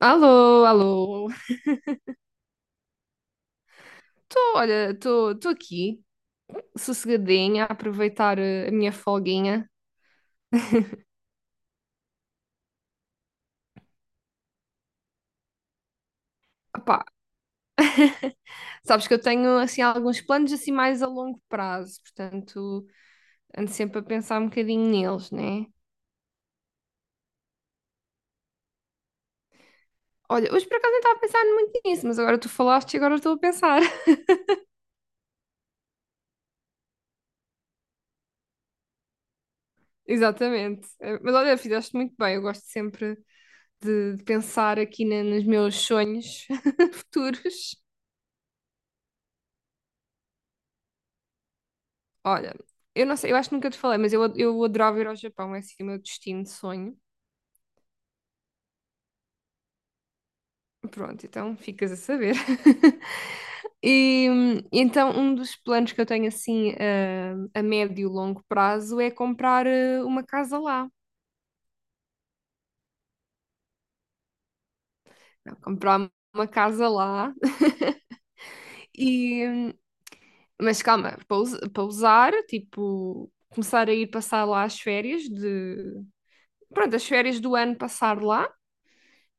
Alô, alô. Tô, olha, tô aqui, sossegadinha, a aproveitar a minha folguinha. Opá, sabes que eu tenho, assim, alguns planos, assim, mais a longo prazo, portanto, ando sempre a pensar um bocadinho neles, né? Olha, hoje por acaso nem estava a pensar muito nisso, mas agora tu falaste e agora estou a pensar. Exatamente. Mas olha, fizeste muito bem, eu gosto sempre de pensar aqui nos meus sonhos futuros. Olha, eu não sei, eu acho que nunca te falei, mas eu adorava ir ao Japão, é assim o meu destino de sonho. Pronto, então ficas a saber. E então, um dos planos que eu tenho assim a médio e longo prazo é comprar uma casa lá. Não, comprar uma casa lá e mas calma, para usar, tipo, começar a ir passar lá as férias de pronto, as férias do ano passar lá,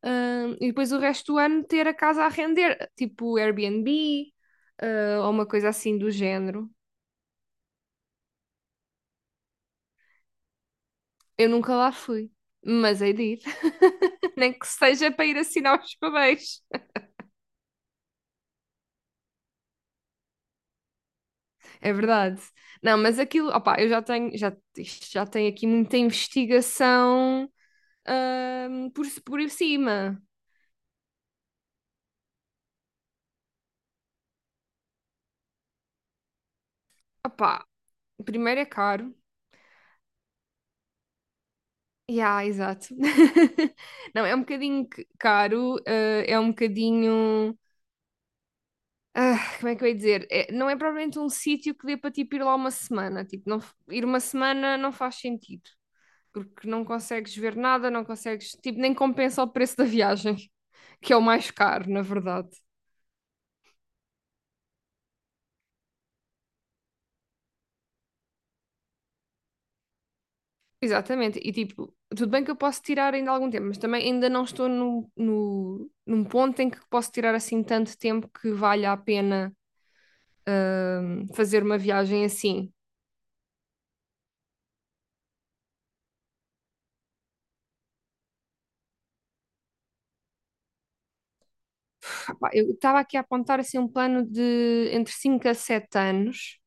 e depois o resto do ano ter a casa a render, tipo Airbnb, ou uma coisa assim do género. Eu nunca lá fui, mas hei de ir, nem que seja para ir assinar os papéis. É verdade. Não, mas aquilo, opá, eu já tenho, já, isto já tenho aqui muita investigação por cima. Opá, primeiro é caro. Yeah, exato. Não, é um bocadinho caro, é um bocadinho. Como é que eu ia dizer? Não é propriamente um sítio que dê para tipo, ir lá uma semana. Tipo, não, ir uma semana não faz sentido. Porque não consegues ver nada, não consegues, tipo, nem compensa o preço da viagem, que é o mais caro, na verdade. Exatamente, e tipo, tudo bem que eu posso tirar ainda algum tempo, mas também ainda não estou no, no, num ponto em que posso tirar assim tanto tempo que valha a pena fazer uma viagem assim. Rapá, eu estava aqui a apontar assim um plano de entre 5 a 7 anos,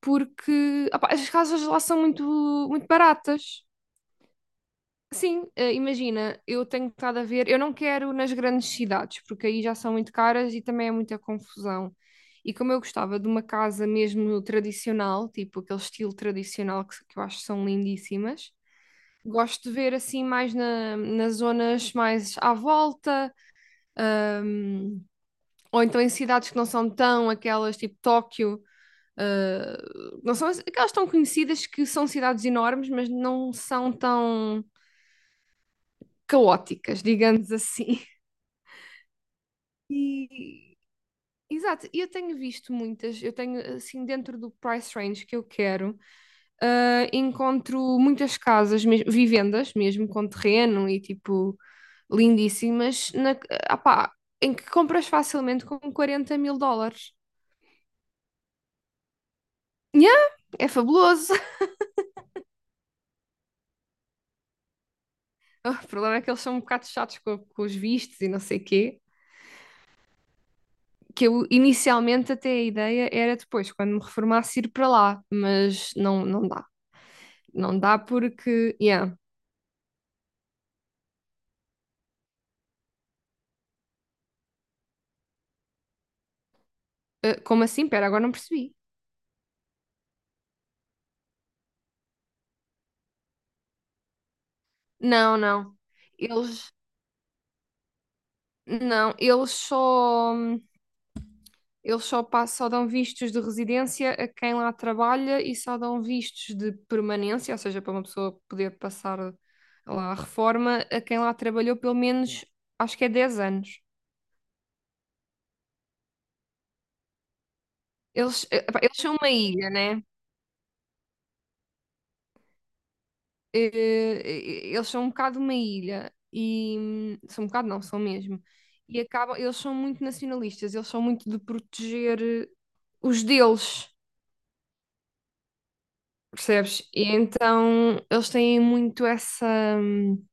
porque opá, as casas lá são muito, muito baratas. Sim, imagina, eu tenho estado a ver, eu não quero nas grandes cidades, porque aí já são muito caras e também é muita confusão. E como eu gostava de uma casa mesmo tradicional, tipo aquele estilo tradicional que eu acho que são lindíssimas, gosto de ver assim mais nas zonas mais à volta, ahm, ou então em cidades que não são tão aquelas tipo Tóquio, ah, não são aquelas tão conhecidas que são cidades enormes, mas não são tão caóticas, digamos assim. E, exato, e eu tenho visto muitas, eu tenho assim dentro do price range que eu quero, encontro muitas casas, vivendas mesmo com terreno e tipo lindíssimas, na, ah pá, em que compras facilmente com 40 mil dólares. Yeah, é fabuloso. O problema é que eles são um bocado chatos com os vistos e não sei quê. Que eu inicialmente até a ideia era depois, quando me reformasse, ir para lá, mas não, não dá. Não dá porque, yeah. Ah, como assim? Pera, agora não percebi. Não, não. Eles não, eles só só dão vistos de residência a quem lá trabalha e só dão vistos de permanência, ou seja, para uma pessoa poder passar lá a reforma, a quem lá trabalhou pelo menos, acho que é 10 anos. Pá, eles são uma ilha, né? eh, eles são um bocado uma ilha e são um bocado não, são mesmo. E acabam, eles são muito nacionalistas, eles são muito de proteger os deles, percebes? E então eles têm muito essa hum,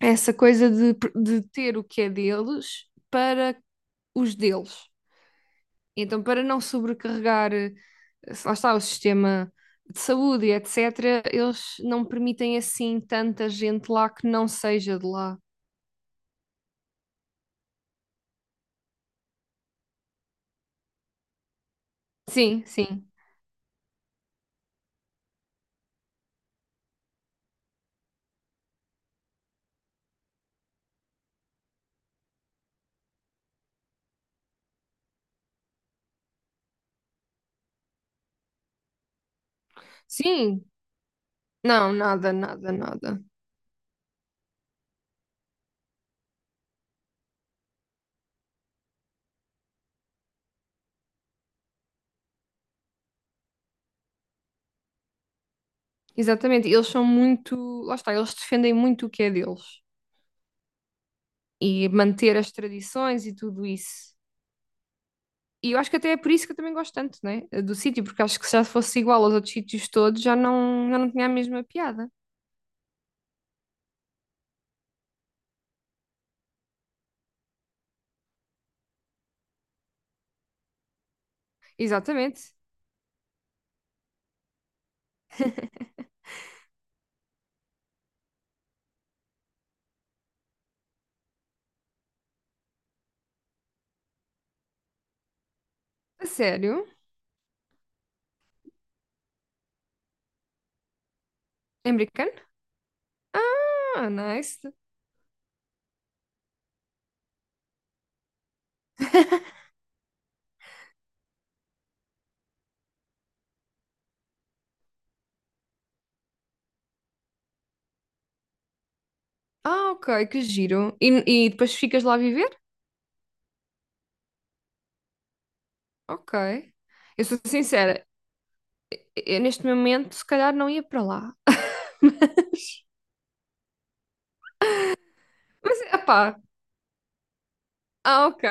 essa coisa de ter o que é deles para os deles. Então, para não sobrecarregar, se lá está, o sistema de saúde e etc., eles não permitem assim tanta gente lá que não seja de lá. Sim, sim. Sim, não, nada, nada, nada. Exatamente, eles são muito, lá está, eles defendem muito o que é deles e manter as tradições e tudo isso. E eu acho que até é por isso que eu também gosto tanto, né, do sítio, porque acho que se já fosse igual aos outros sítios todos, já não tinha a mesma piada. Exatamente. A sério? É americano? Ah, nice. Ah, ok, que giro. E depois ficas lá a viver? Ok. Eu sou sincera, eu neste momento se calhar não ia para lá. Mas, epá. Ah, ok.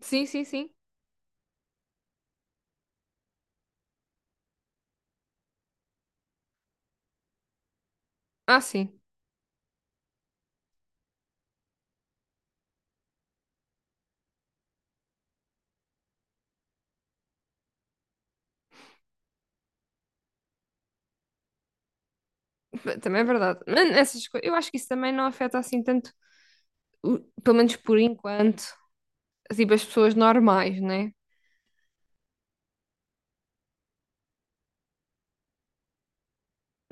Sim, sim, sim. Ah, sim. Também é verdade. Mas essas coisas, eu acho que isso também não afeta assim tanto, pelo menos por enquanto, tipo, as pessoas normais, né?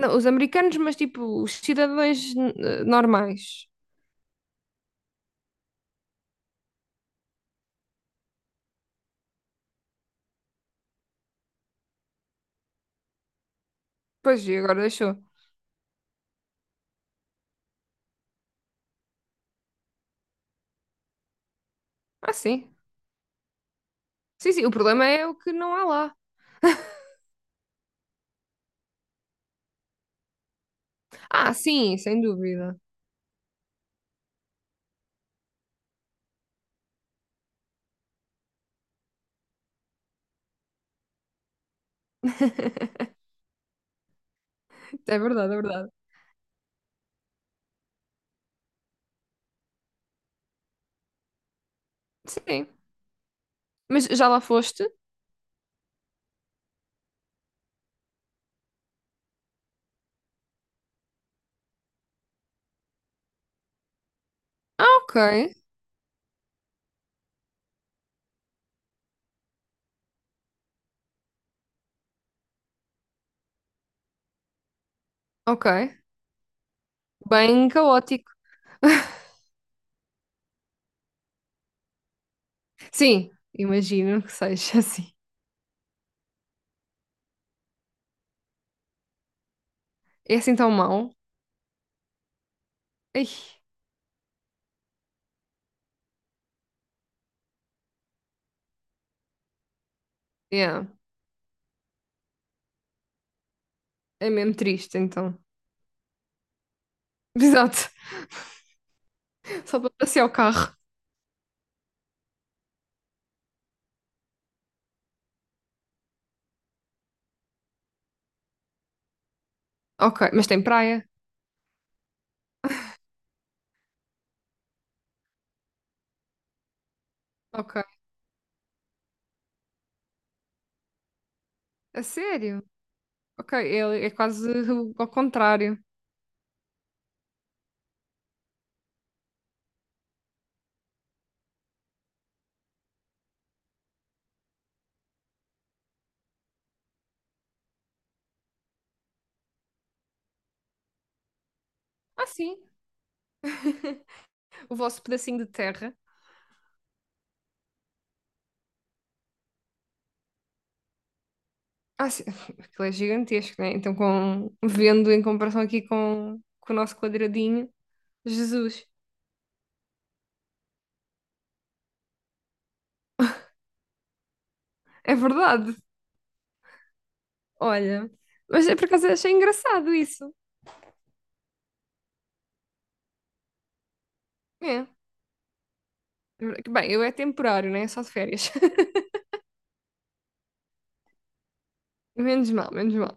Não, os americanos, mas tipo, os cidadãos normais. Pois, e agora deixou. Ah, sim. Sim, sim. O problema é o que não há lá. Ah, sim, sem dúvida. É verdade, é verdade. Sim. Mas já lá foste? Ah, ok. Ok. Bem caótico. Sim, imagino que seja assim. É assim tão mau. Ai, yeah. É mesmo triste, então. Exato. Só para passear o carro. Ok, mas tem praia? Ok. A sério? Ok, é quase ao contrário. Ah, sim. O vosso pedacinho de terra. Ah, sim. Aquilo é gigantesco, né? Então, vendo em comparação aqui com o nosso quadradinho, Jesus. É verdade. Olha. Mas é por acaso achei engraçado isso. É. Bem, eu é temporário, né? É só de férias. Menos mal, menos mal.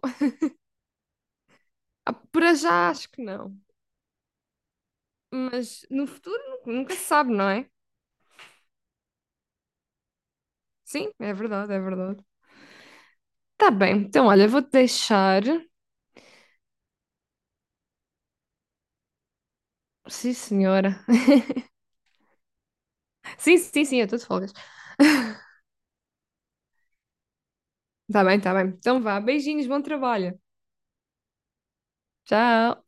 Ah, para já acho que não, mas no futuro nunca se sabe, não é? Sim, é verdade, é verdade. Tá bem, então olha, vou-te deixar. Sim, senhora. Sim, sim, sim, eu estou de folgas. Tá bem, tá bem. Então vá, beijinhos, bom trabalho. Tchau.